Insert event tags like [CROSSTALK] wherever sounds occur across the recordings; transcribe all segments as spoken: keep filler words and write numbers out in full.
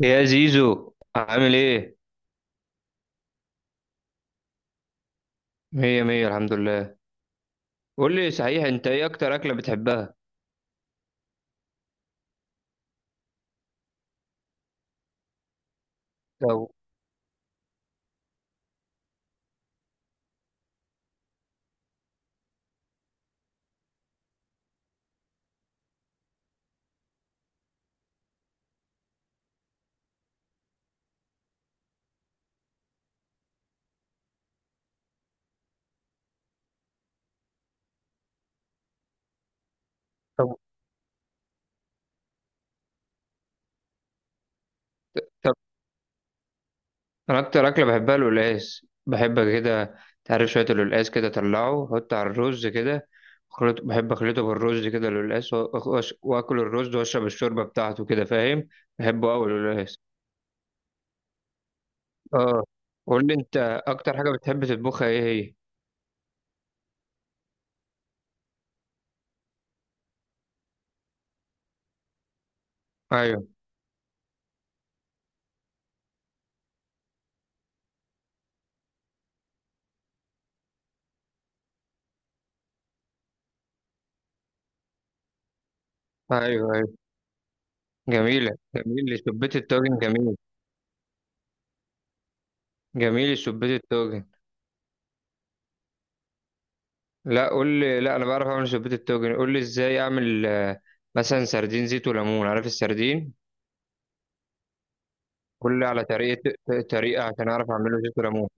يا زيزو، عامل ايه؟ مية مية، الحمد لله. قول لي صحيح، انت ايه اكتر اكلة بتحبها؟ طب. طب. طب. انا اكتر اكلة بحبها القلقاس، بحب كده، تعرف، شوية القلقاس كده طلعه، حط على الرز كده، خلط، بحب اخلطه بالرز كده، القلقاس وأ- وأش- واكل الرز واشرب الشوربة بتاعته كده، فاهم؟ بحبه قوي القلقاس. اه. قول لي انت، اكتر حاجة بتحب تطبخها ايه هي؟ ايوه، ايوه، ايوه. جميلة، جميل سبيت الطاجن، جميل. جميل سبيت الطاجن. لا، قول لي، لا انا بعرف اعمل شوربه التوجن، قول لي ازاي اعمل، آه، مثلا سردين زيت وليمون، عارف السردين. قول لي على طريقه، طريقه عشان اعرف اعمله زيت وليمون.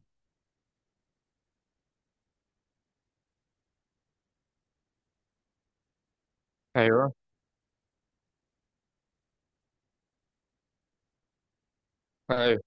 ايوه، ايوه.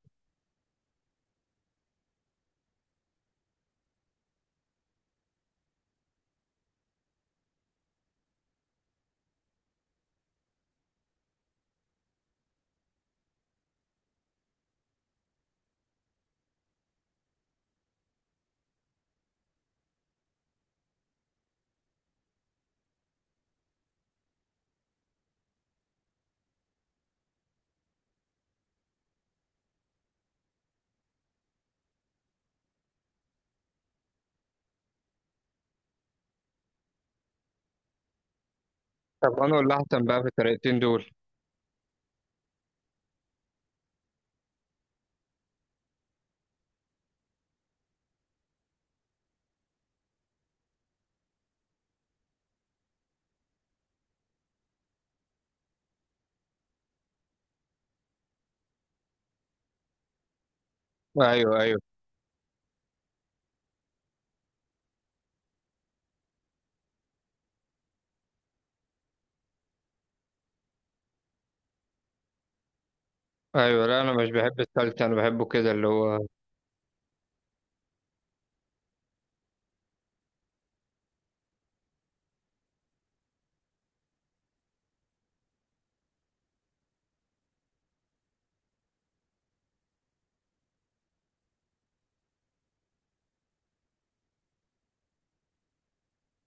طب، انا ولا احسن بقى في الطريقتين دول؟ ايوه، ايوه، ايوه. لا انا مش بحب السلطه، انا بحبه كده اللي هو.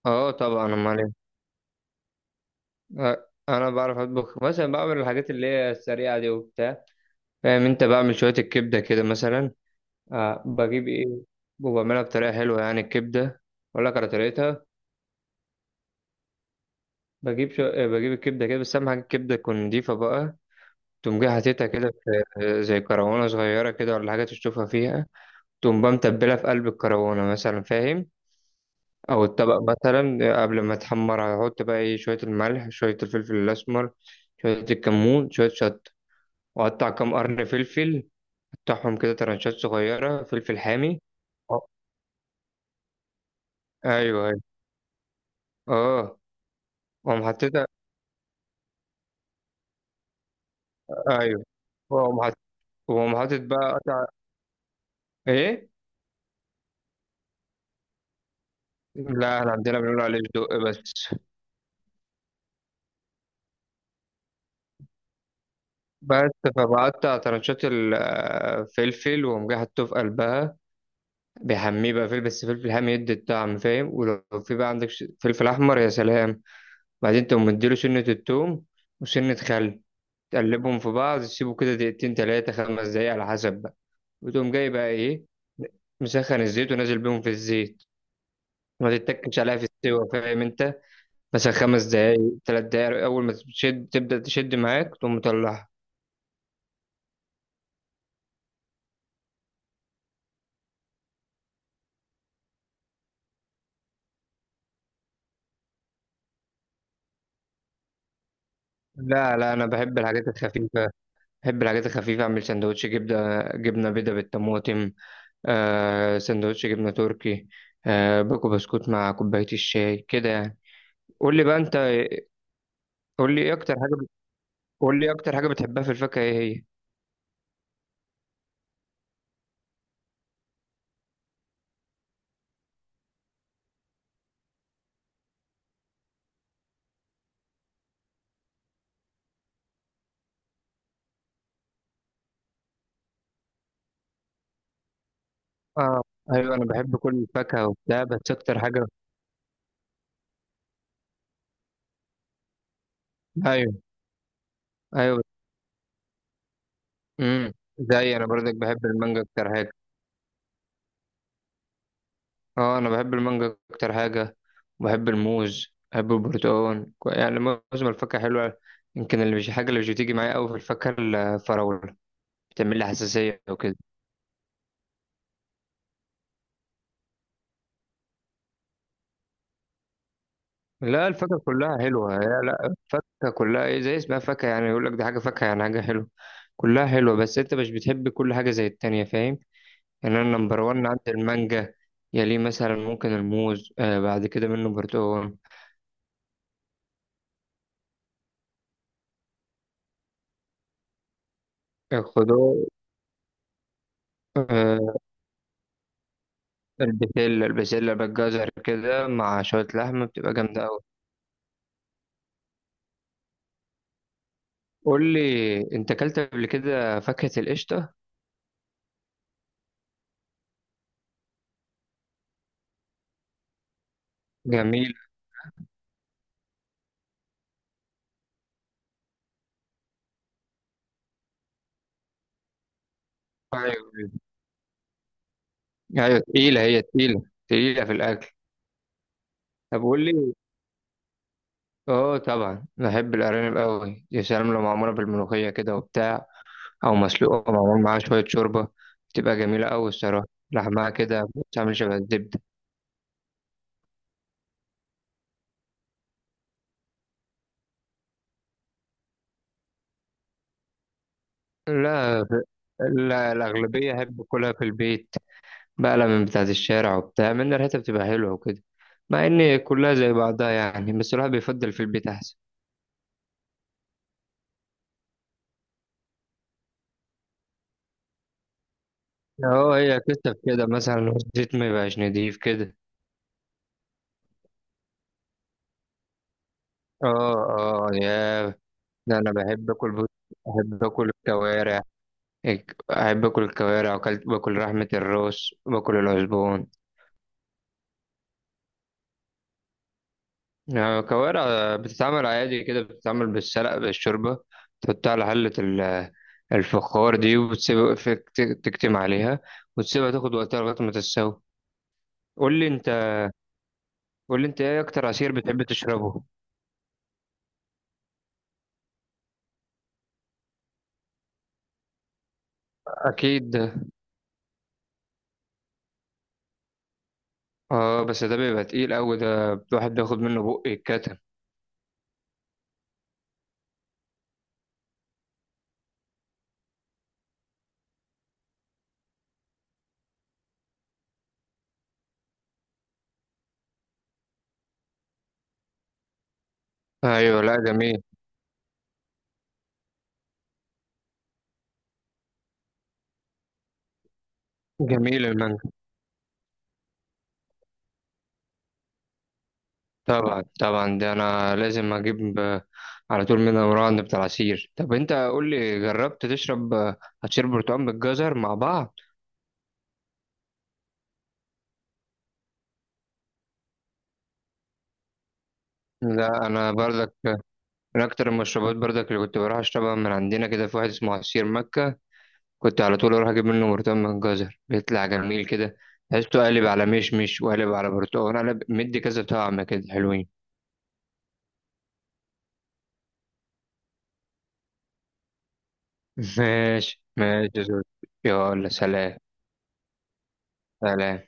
اه طبعا، امال إيه؟ آه، انا بعرف اطبخ مثلا، بعمل الحاجات اللي هي السريعه دي وبتاع، فاهم. انت بعمل شويه الكبده كده مثلا. آه بجيب ايه، وبعملها بطريقه حلوه يعني الكبده. اقول لك على طريقتها. بجيب شو... آه، بجيب الكبدة كده، بس أهم حاجة الكبدة تكون نضيفة بقى. تقوم جاي حاططها كده في، آه، زي كروانة صغيرة كده ولا حاجة، تشطفها فيها. تقوم بقى متبلها في قلب الكروانة مثلا، فاهم. أو الطبق مثلا، آه، قبل ما تحمر هحط بقى إيه، شوية الملح، شوية الفلفل الأسمر، شوية الكمون، شوية شطة. وأقطع كام قرن فلفل، أقطعهم كده ترنشات صغيرة، فلفل حامي. أه. أيوه، أيوه. أه. وأقوم حاططها. أيوه. وأقوم حاطط وأقوم حاطط بقى قطع. إيه. لا، احنا عندنا بنقول عليه صدق بس بس. فبقطع ترنشات الفلفل، وقوم جاي حاطه في قلبها، بيحميه بقى فلفل، بس فلفل حامي يدي الطعم، فاهم. ولو في بقى عندك ش- فلفل احمر، يا سلام. بعدين تقوم مديله سنة التوم وسنة خل، تقلبهم في بعض، تسيبه كده دقيقتين تلاتة خمس دقايق على حسب بقى. وتقوم جاي بقى ايه، مسخن الزيت، ونازل بيهم في الزيت، ما تتكش عليها في السوا، فاهم انت. مثلا خمس دقايق، تلات دقايق، اول ما تشد، تبدأ تشد معاك، تقوم مطلعها. لا، لا، انا بحب الحاجات الخفيفه. بحب الحاجات الخفيفه، اعمل سندوتش جبنه جبنه بيضه بالطماطم. آه سندوتش جبنه تركي. آه باكو بسكوت مع كوبايه الشاي كده يعني. قول لي بقى انت. قول لي ايه اكتر حاجه قول لي إيه اكتر حاجه بتحبها في الفاكهه، ايه هي؟ اه. ايوه، انا بحب كل الفاكهه وبتاع، بس اكتر حاجه. ايوه، ايوه. امم. زي انا برضك، بحب المانجا اكتر حاجه. اه، انا بحب المانجا اكتر حاجه. وبحب الموز، بحب البرتقال، كو- يعني معظم الفاكهه حلوه. يمكن اللي مش حاجه اللي مش بتيجي معايا قوي في الفاكهه الفراوله، بتعمل لي حساسيه وكده. لا، الفاكهه كلها حلوه هي. لا، الفاكهه كلها ايه، زي اسمها فاكهه، يعني يقول لك دي حاجه فاكهه، يعني حاجه حلوه. كلها حلوه، بس انت مش بتحب كل حاجه زي التانية، فاهم؟ يعني انا نمبر واحد عندي المانجا، يليه مثلا ممكن الموز، آه بعد كده منه برتقال. الخضار. البسلة البسلة بالجزر كده مع شوية لحمة بتبقى جامدة أوي. قول لي أنت، أكلت قبل كده فاكهة القشطة؟ جميلة. أيوة، أيوة، تقيلة، هي تقيلة، تقيلة في الأكل. طب قول لي، أه طبعا بحب الأرانب أوي، يا سلام لو معمولة بالملوخية كده وبتاع. أو مسلوقة ومعمول معاها شوية شوربة، بتبقى جميلة أوي الصراحة، لحمها كده بتعمل شبه الزبدة. لا، لا، الأغلبية أحب أكلها في البيت، بقلة من بتاعة الشارع وبتاع، من ريحتها بتبقى حلوة وكده، مع إن كلها زي بعضها يعني، بس الواحد بيفضل في البيت أحسن. اه، هي كتف كده مثلا والزيت ما يبقاش نضيف كده. اه، اه، يا. ده أنا بحب آكل بط- بحب آكل الكوارع. إك- بحب آكل الكوارع، وأكلت، باكل لحمة الراس، باكل العزبون. آه، كوارع بتتعمل عادي كده، بتتعمل بالسلق بالشوربة. تحطها على حلة ال- الفخار دي، وتسيبها في- تك- تكتم عليها، وتسيبها تاخد وقتها لغاية ما تستوي. قول لي انت. قول لي انت، ايه اكتر عصير بتحب تشربه؟ اكيد. اه، بس ده بيبقى تقيل قوي ده، الواحد بياخد منه بق يتكتم. ايوه، لا جميل، جميل المانجا. طبعا، طبعا، ده انا لازم اجيب، آه، على طول من الراند بتاع العصير. طب انت قول لي، جربت تشرب آه، عصير برتقال بالجزر مع بعض؟ لا انا بردك، من اكتر المشروبات بردك اللي كنت بروح اشربها، من عندنا كده في واحد اسمه عصير مكة، كنت على طول اروح اجيب منه برتقال من الجزر، بيطلع جميل كده، تحسه قالب على مشمش وقالب على برتقال، قالب مدي كذا طعم كده حلوين. [LAUGHS] ماشي ماشي يا زوز. يلا، سلام. سلام.